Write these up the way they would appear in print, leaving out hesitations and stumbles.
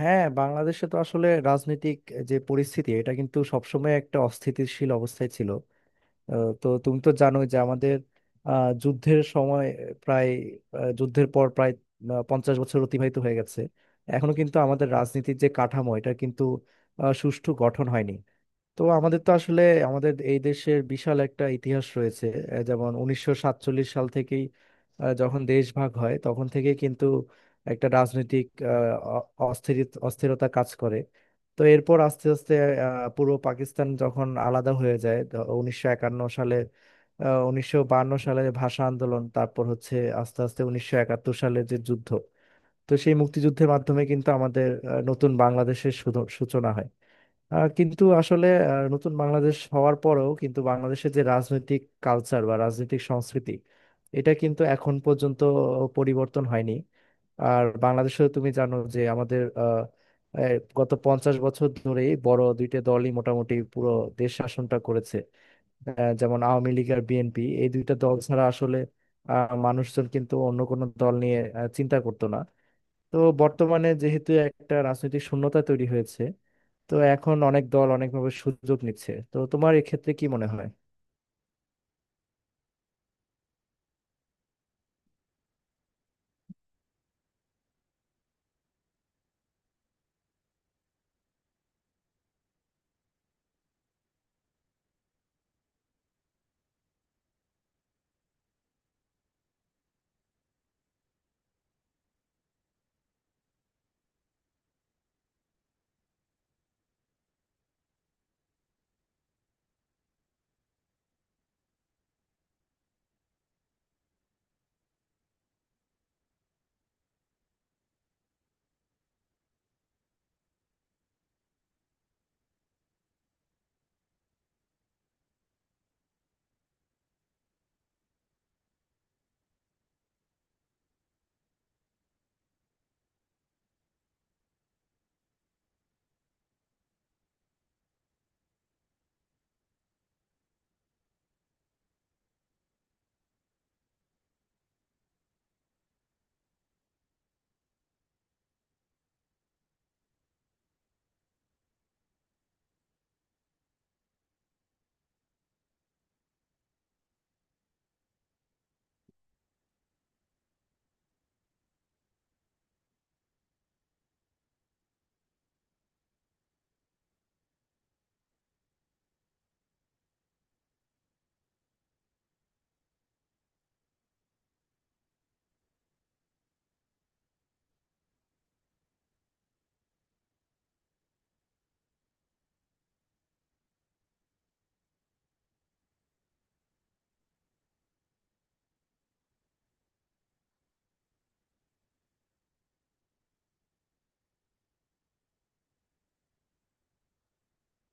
হ্যাঁ, বাংলাদেশে তো আসলে রাজনৈতিক যে পরিস্থিতি, এটা কিন্তু সবসময় একটা অস্থিতিশীল অবস্থায় ছিল। তো তুমি তো জানোই যে আমাদের আহ, যুদ্ধের সময় প্রায় আহ, যুদ্ধের পর প্রায় 50 বছর অতিবাহিত হয়ে গেছে। এখনো কিন্তু আমাদের রাজনীতির যে কাঠামো, এটা কিন্তু সুষ্ঠু গঠন হয়নি। তো আমাদের তো আসলে আমাদের এই দেশের বিশাল একটা ইতিহাস রয়েছে। যেমন 1947 সাল থেকেই, যখন দেশ ভাগ হয় তখন থেকে কিন্তু একটা রাজনৈতিক আহ, অ- অস্থিরিত অস্থিরতা কাজ করে। তো এরপর আস্তে আস্তে পূর্ব পাকিস্তান যখন আলাদা হয়ে যায় 1951 সালে, 1952 সালে ভাষা আন্দোলন, তারপর হচ্ছে আস্তে আস্তে 1971 সালে যে যুদ্ধ। তো সেই মুক্তিযুদ্ধের মাধ্যমে কিন্তু আমাদের নতুন বাংলাদেশের সূচনা হয়। কিন্তু আসলে নতুন বাংলাদেশ হওয়ার পরেও কিন্তু বাংলাদেশের যে রাজনৈতিক কালচার বা রাজনৈতিক সংস্কৃতি, এটা কিন্তু এখন পর্যন্ত পরিবর্তন হয়নি। আর বাংলাদেশে তুমি জানো যে আমাদের এই গত 50 বছর ধরেই বড় দুইটা দলই মোটামুটি পুরো দেশ শাসনটা করেছে। যেমন আওয়ামী লীগ আর বিএনপি, এই দুইটা দল ছাড়া আসলে মানুষজন কিন্তু অন্য কোনো দল নিয়ে চিন্তা করতো না। তো বর্তমানে যেহেতু একটা রাজনৈতিক শূন্যতা তৈরি হয়েছে, তো এখন অনেক দল অনেকভাবে সুযোগ নিচ্ছে। তো তোমার এক্ষেত্রে কি মনে হয়?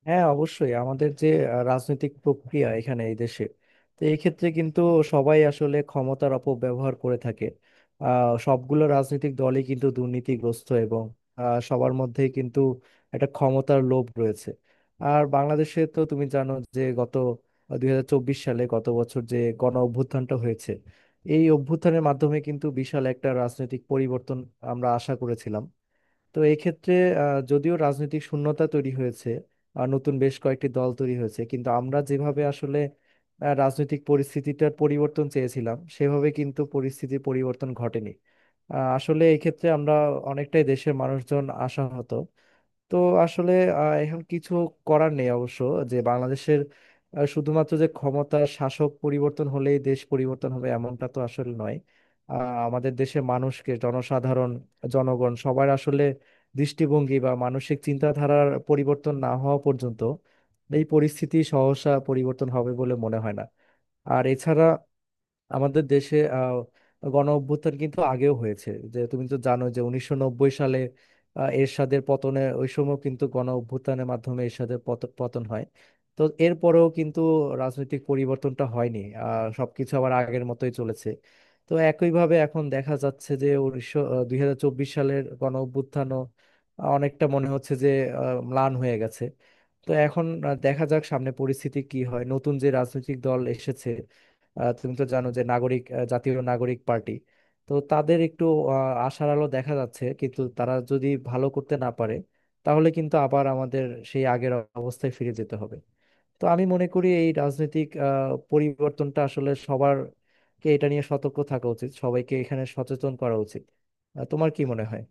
হ্যাঁ, অবশ্যই। আমাদের যে রাজনৈতিক প্রক্রিয়া এখানে এই দেশে, তো এই ক্ষেত্রে কিন্তু সবাই আসলে ক্ষমতার অপব্যবহার করে থাকে। সবগুলো রাজনৈতিক দলই কিন্তু দুর্নীতিগ্রস্ত, এবং সবার মধ্যেই কিন্তু একটা ক্ষমতার লোভ রয়েছে। আর বাংলাদেশে তো তুমি জানো যে গত 2024 সালে, গত বছর যে গণ অভ্যুত্থানটা হয়েছে, এই অভ্যুত্থানের মাধ্যমে কিন্তু বিশাল একটা রাজনৈতিক পরিবর্তন আমরা আশা করেছিলাম। তো এক্ষেত্রে যদিও রাজনৈতিক শূন্যতা তৈরি হয়েছে আর নতুন বেশ কয়েকটি দল তৈরি হয়েছে, কিন্তু আমরা যেভাবে আসলে রাজনৈতিক পরিস্থিতিটার পরিবর্তন চেয়েছিলাম, সেভাবে কিন্তু পরিস্থিতির পরিবর্তন ঘটেনি। আসলে এক্ষেত্রে আমরা অনেকটাই, দেশের মানুষজন আশাহত। তো আসলে এখন কিছু করার নেই অবশ্য, যে বাংলাদেশের শুধুমাত্র যে ক্ষমতা শাসক পরিবর্তন হলেই দেশ পরিবর্তন হবে এমনটা তো আসলে নয়। আহ, আমাদের দেশের মানুষকে, জনসাধারণ, জনগণ, সবার আসলে দৃষ্টিভঙ্গি বা মানসিক চিন্তাধারার পরিবর্তন না হওয়া পর্যন্ত এই পরিস্থিতি সহসা পরিবর্তন হবে বলে মনে হয় না। আর এছাড়া আমাদের দেশে গণ অভ্যুত্থান কিন্তু আগেও হয়েছে। যে তুমি তো জানো যে 1990 সালে এরশাদের পতনে, ওই সময় কিন্তু গণ অভ্যুত্থানের মাধ্যমে এরশাদের পতন হয়। তো এরপরেও কিন্তু রাজনৈতিক পরিবর্তনটা হয়নি, সবকিছু আবার আগের মতোই চলেছে। তো একইভাবে এখন দেখা যাচ্ছে যে 2024 সালের গণ অভ্যুত্থানও অনেকটা মনে হচ্ছে যে ম্লান হয়ে গেছে। তো এখন দেখা যাক সামনে পরিস্থিতি কি হয়। নতুন যে রাজনৈতিক দল এসেছে, তুমি তো জানো যে জাতীয় নাগরিক পার্টি, তো তাদের একটু আশার আলো দেখা যাচ্ছে, কিন্তু তারা যদি ভালো করতে না পারে, তাহলে কিন্তু আবার আমাদের সেই আগের অবস্থায় ফিরে যেতে হবে। তো আমি মনে করি এই রাজনৈতিক পরিবর্তনটা আসলে সবারকে এটা নিয়ে সতর্ক থাকা উচিত, সবাইকে এখানে সচেতন করা উচিত। তোমার কি মনে হয়?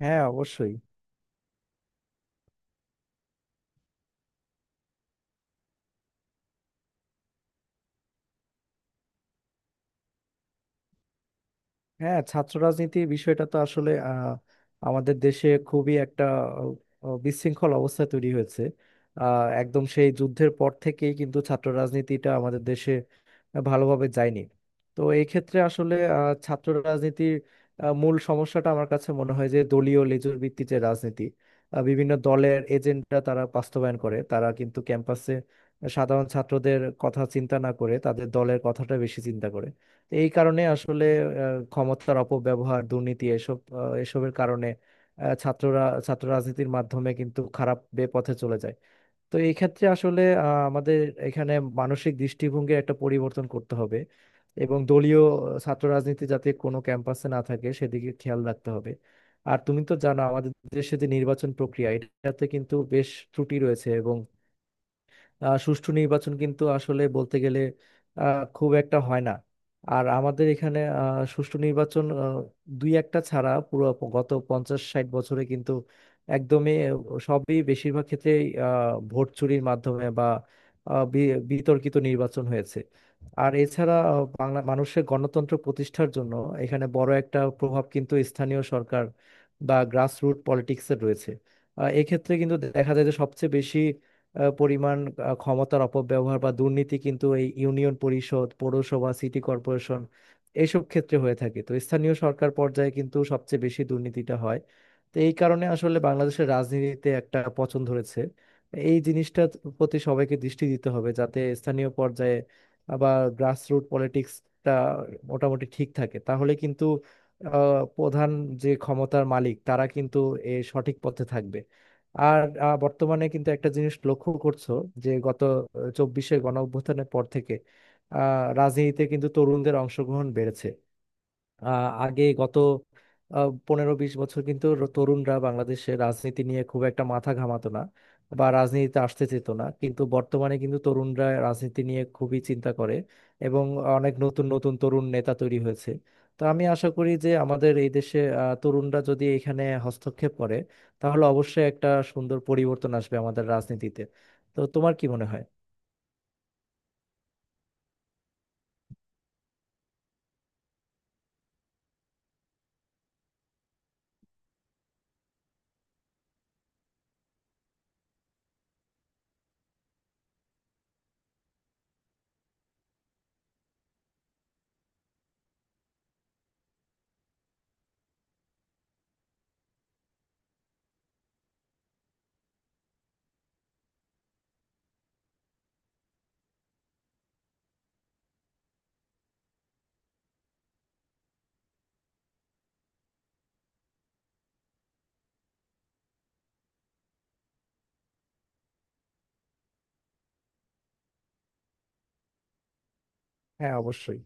হ্যাঁ, অবশ্যই। হ্যাঁ, ছাত্র রাজনীতি বিষয়টা তো আসলে আমাদের দেশে খুবই একটা বিশৃঙ্খল অবস্থা তৈরি হয়েছে। একদম সেই যুদ্ধের পর থেকেই কিন্তু ছাত্র রাজনীতিটা আমাদের দেশে ভালোভাবে যায়নি। তো এই ক্ষেত্রে আসলে ছাত্র রাজনীতির মূল সমস্যাটা আমার কাছে মনে হয় যে দলীয় লেজুর ভিত্তিক যে রাজনীতি, বিভিন্ন দলের এজেন্ডা তারা বাস্তবায়ন করে। তারা কিন্তু ক্যাম্পাসে সাধারণ ছাত্রদের কথা চিন্তা না করে তাদের দলের কথাটা বেশি চিন্তা করে। তো এই কারণে আসলে ক্ষমতার অপব্যবহার, দুর্নীতি, এসব এসবের কারণে আহ, ছাত্ররা ছাত্র রাজনীতির মাধ্যমে কিন্তু খারাপ বে পথে চলে যায়। তো এই ক্ষেত্রে আসলে আমাদের এখানে মানসিক দৃষ্টিভঙ্গির একটা পরিবর্তন করতে হবে, এবং দলীয় ছাত্র রাজনীতি যাতে কোনো ক্যাম্পাসে না থাকে সেদিকে খেয়াল রাখতে হবে। আর তুমি তো জানো আমাদের দেশে যে নির্বাচন প্রক্রিয়া, এটাতে কিন্তু বেশ ত্রুটি রয়েছে, এবং সুষ্ঠু নির্বাচন কিন্তু আসলে বলতে গেলে খুব একটা হয় না। আর আমাদের এখানে সুষ্ঠু নির্বাচন দুই একটা ছাড়া পুরো গত 50-60 বছরে কিন্তু একদমই আহ, সবই বেশিরভাগ ক্ষেত্রেই ভোট চুরির মাধ্যমে বা বিতর্কিত নির্বাচন হয়েছে। আর এছাড়া বাংলা মানুষের গণতন্ত্র প্রতিষ্ঠার জন্য এখানে বড় একটা প্রভাব কিন্তু স্থানীয় সরকার বা গ্রাসরুট পলিটিক্সের রয়েছে। এক্ষেত্রে কিন্তু দেখা যায় যে সবচেয়ে বেশি পরিমাণ ক্ষমতার অপব্যবহার বা দুর্নীতি কিন্তু এই ইউনিয়ন পরিষদ, পৌরসভা, সিটি কর্পোরেশন, এইসব ক্ষেত্রে হয়ে থাকে। তো স্থানীয় সরকার পর্যায়ে কিন্তু সবচেয়ে বেশি দুর্নীতিটা হয়। তো এই কারণে আসলে বাংলাদেশের রাজনীতিতে একটা পচন ধরেছে। এই জিনিসটার প্রতি সবাইকে দৃষ্টি দিতে হবে, যাতে স্থানীয় পর্যায়ে আবার গ্রাসরুট পলিটিক্সটা মোটামুটি ঠিক থাকে, তাহলে কিন্তু প্রধান যে ক্ষমতার মালিক, তারা কিন্তু এ সঠিক পথে থাকবে। আর বর্তমানে কিন্তু একটা জিনিস লক্ষ্য করছো, যে গত চব্বিশে গণ অভ্যুত্থানের পর থেকে আহ, রাজনীতিতে কিন্তু তরুণদের অংশগ্রহণ বেড়েছে। আগে গত 15-20 বছর কিন্তু তরুণরা বাংলাদেশে রাজনীতি নিয়ে খুব একটা মাথা ঘামাতো না বা রাজনীতিতে আসতে চেত না, কিন্তু বর্তমানে কিন্তু তরুণরা রাজনীতি নিয়ে খুবই চিন্তা করে, এবং অনেক নতুন নতুন তরুণ নেতা তৈরি হয়েছে। তো আমি আশা করি যে আমাদের এই দেশে তরুণরা যদি এখানে হস্তক্ষেপ করে, তাহলে অবশ্যই একটা সুন্দর পরিবর্তন আসবে আমাদের রাজনীতিতে। তো তোমার কি মনে হয়? হ্যাঁ, অবশ্যই।